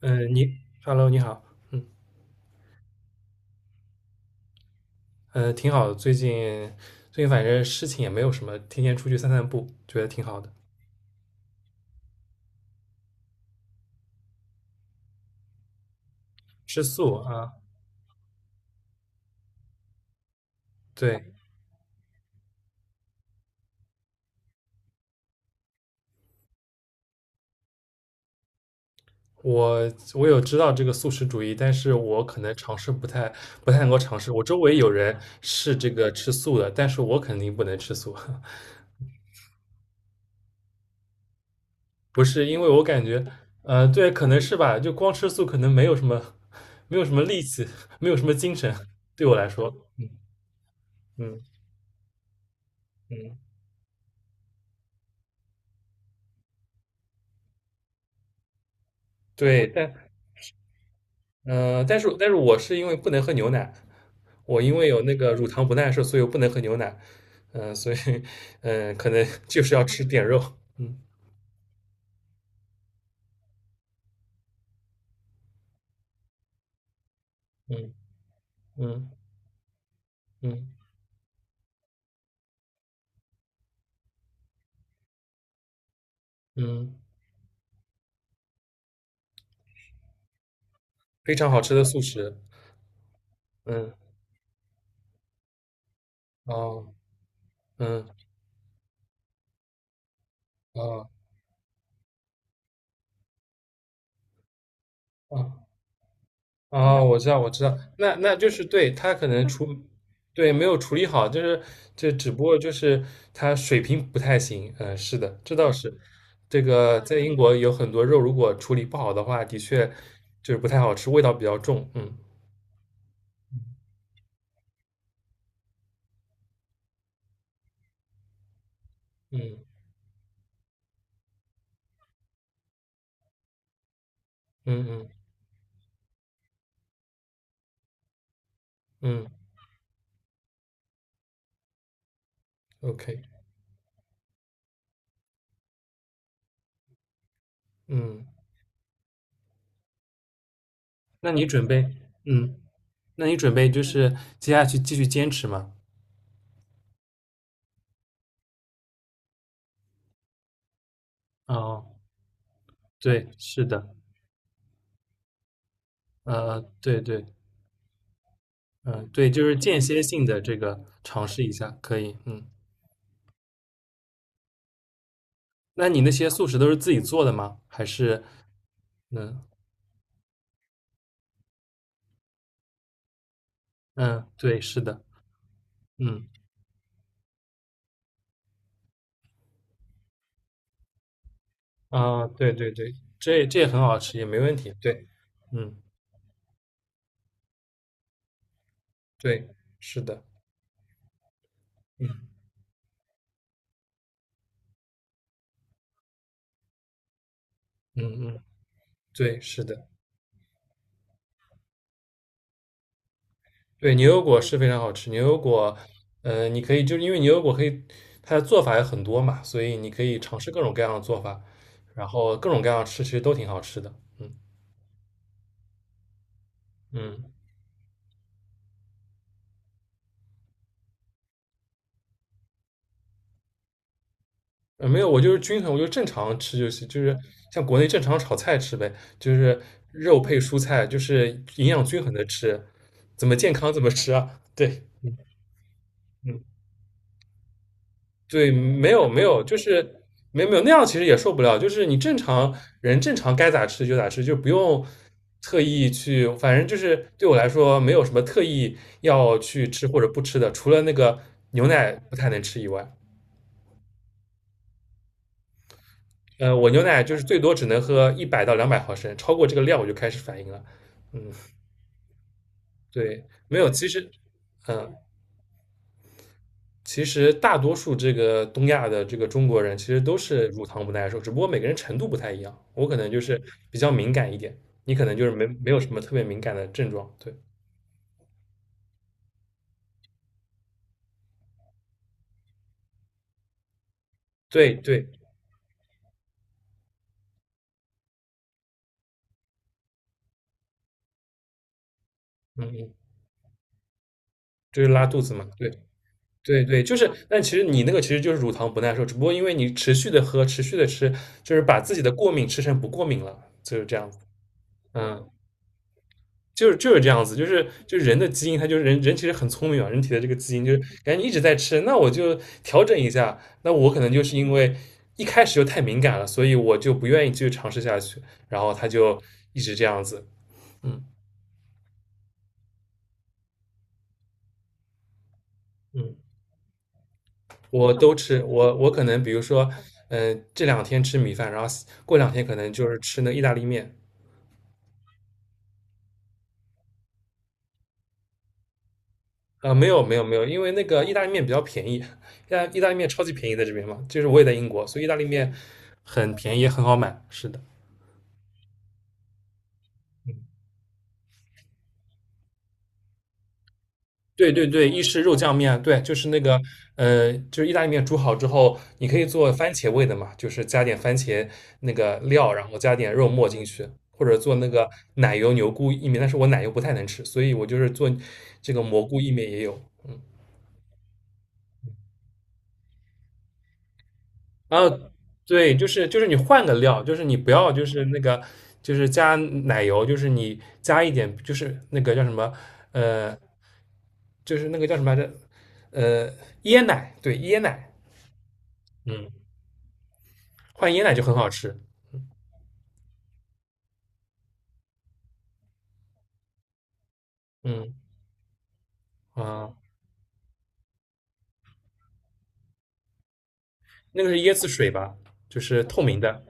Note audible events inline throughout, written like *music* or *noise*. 嗯，Hello，你好，嗯，挺好的，最近反正事情也没有什么，天天出去散散步，觉得挺好的。吃素啊，对，我有知道这个素食主义，但是我可能尝试不太能够尝试。我周围有人是这个吃素的，但是我肯定不能吃素，*laughs* 不是因为我感觉，对，可能是吧，就光吃素可能没有什么力气，没有什么精神，对我来说，嗯嗯嗯，对，但。但是我是因为不能喝牛奶，我因为有那个乳糖不耐受，所以我不能喝牛奶。所以可能 *laughs* 就是要吃点肉。嗯嗯嗯嗯嗯，非常好吃的素食。嗯哦嗯哦哦。哦，我知道，我知道，那就是对他可能处，对，没有处理好，就是这只不过就是他水平不太行，嗯、是的，这倒是，这个在英国有很多肉，如果处理不好的话，的确就是不太好吃，味道比较重，嗯嗯嗯嗯嗯，OK，嗯，那你准备，嗯，那你准备就是接下去继续坚持吗？哦，对，是的，对对，嗯，对，就是间歇性的这个尝试一下，可以。嗯，那你那些素食都是自己做的吗？还是嗯嗯，对，是的，嗯啊，对对对，这也很好吃，也没问题。对，嗯，对，是的，嗯嗯嗯，对，是的，对，牛油果是非常好吃。牛油果，你可以就是因为牛油果可以，它的做法有很多嘛，所以你可以尝试各种各样的做法，然后各种各样的吃，其实都挺好吃的。嗯嗯。没有，我就是均衡，我就正常吃就行，就是像国内正常炒菜吃呗，就是肉配蔬菜，就是营养均衡的吃，怎么健康怎么吃啊？对，嗯，对，没有没有，就是没有那样其实也受不了，就是你正常人正常该咋吃就咋吃，就不用特意去，反正就是对我来说没有什么特意要去吃或者不吃的，除了那个牛奶不太能吃以外，我牛奶就是最多只能喝100到200毫升，超过这个量我就开始反应了。嗯，对，没有，嗯，其实大多数这个东亚的这个中国人其实都是乳糖不耐受，只不过每个人程度不太一样。我可能就是比较敏感一点，你可能就是没有什么特别敏感的症状。对，对，对，嗯嗯，就是拉肚子嘛。对，对，对，就是，但其实你那个其实就是乳糖不耐受，只不过因为你持续的喝，持续的吃，就是把自己的过敏吃成不过敏了，就是这样子。嗯。就是这样子，就是人的基因，它就是人人其实很聪明啊，人体的这个基因就是感觉一直在吃，那我就调整一下，那我可能就是因为一开始就太敏感了，所以我就不愿意继续尝试下去，然后它就一直这样子，嗯嗯，我都吃，我可能比如说，这两天吃米饭，然后过两天可能就是吃那个意大利面，啊、没有没有没有，因为那个意大利面比较便宜，意大利面超级便宜在这边嘛，就是我也在英国，所以意大利面很便宜，也很好买，是的。对对对，意式肉酱面，对，就是那个，就是意大利面煮好之后，你可以做番茄味的嘛，就是加点番茄那个料，然后加点肉末进去，或者做那个奶油牛菇意面，但是我奶油不太能吃，所以我就是做这个蘑菇意面也有，嗯，然后对，就是你换个料，就是你不要就是那个就是加奶油，就是你加一点就是那个叫什么，呃，就是那个叫什么来着，呃，椰奶，对，椰奶。嗯。换椰奶就很好吃。嗯啊，那个是椰子水吧，就是透明的。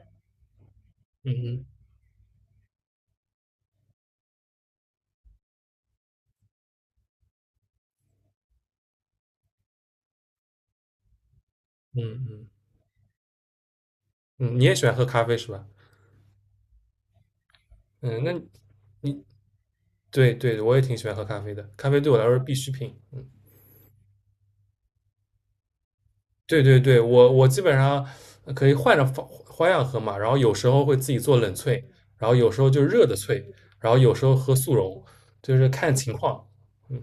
嗯嗯嗯嗯嗯，你也喜欢喝咖啡是吧？嗯，你对对，我也挺喜欢喝咖啡的，咖啡对我来说是必需品。嗯，对对对，我基本上可以换着方花样喝嘛，然后有时候会自己做冷萃，然后有时候就热的萃，然后有时候喝速溶，就是看情况。嗯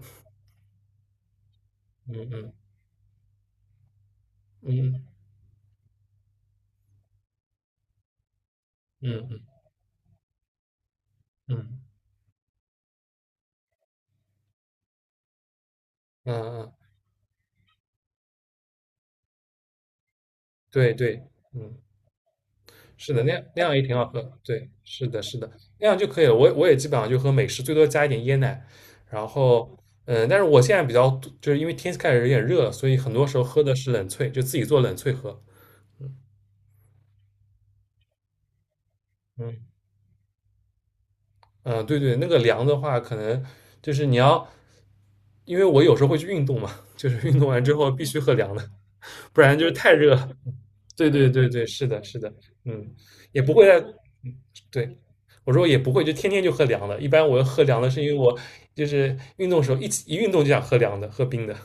嗯嗯嗯嗯嗯嗯嗯嗯，对对，嗯。是的，那样那样也挺好喝。对，是的，是的，那样就可以了。我也基本上就喝美式，最多加一点椰奶。然后，但是我现在比较多就是因为天气开始有点热了，所以很多时候喝的是冷萃，就自己做冷萃喝。嗯嗯，对对，那个凉的话，可能就是你要，因为我有时候会去运动嘛，就是运动完之后必须喝凉的，不然就是太热了对对对对，是的，是的，嗯，也不会在对，我说我也不会，就天天就喝凉的。一般我喝凉的是因为我就是运动的时候一起一运动就想喝凉的，喝冰的。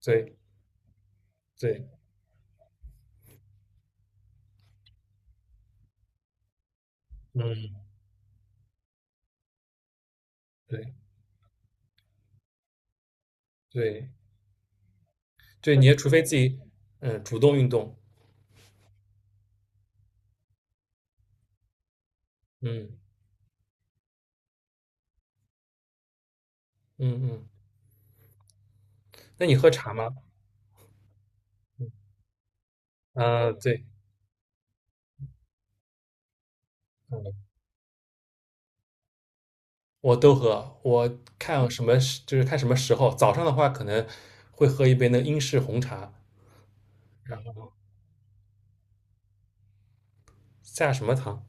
对对，嗯，对对对，你也除非自己主动运动，嗯嗯嗯。那你喝茶吗？啊，对，嗯我都喝。我看什么时就是看什么时候，早上的话可能会喝一杯那个英式红茶，然后下什么糖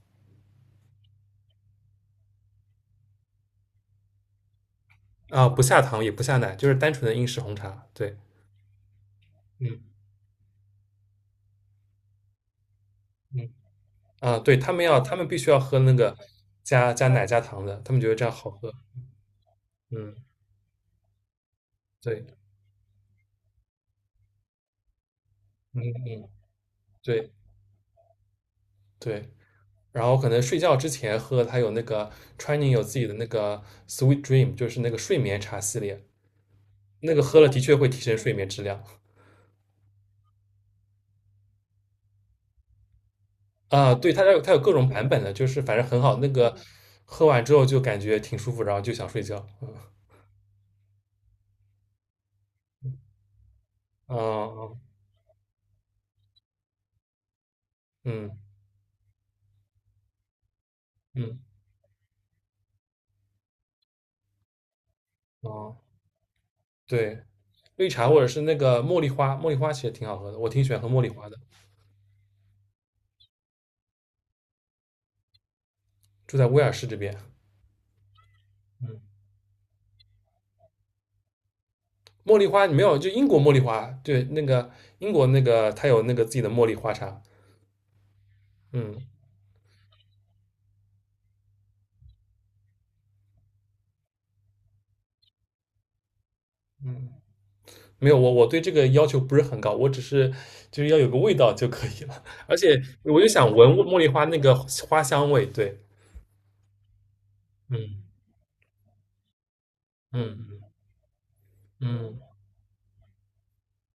啊？不下糖也不下奶，就是单纯的英式红茶。对，嗯嗯。啊，对，他们必须要喝那个加奶加糖的，他们觉得这样好喝。嗯，对，嗯嗯，对对。然后可能睡觉之前喝，它有那个川宁有自己的那个 Sweet Dream，就是那个睡眠茶系列，那个喝了的确会提升睡眠质量。啊，对，它有各种版本的，就是反正很好，那个喝完之后就感觉挺舒服，然后就想睡觉。嗯嗯嗯嗯哦，对，绿茶或者是那个茉莉花，茉莉花其实挺好喝的，我挺喜欢喝茉莉花的。住在威尔士这边。嗯，茉莉花你没有，就英国茉莉花，对，那个英国那个它有那个自己的茉莉花茶。嗯，嗯，没有，我对这个要求不是很高，我只是就是要有个味道就可以了。而且我就想闻茉莉花那个花香味，对，嗯嗯嗯，嗯，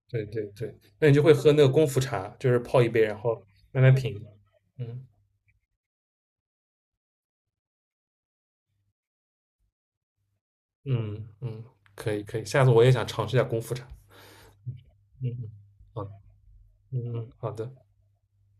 对对对，那你就会喝那个功夫茶，就是泡一杯，然后慢慢品。嗯嗯嗯，可以可以，下次我也想尝试一下功夫茶。嗯，嗯，好，嗯好的。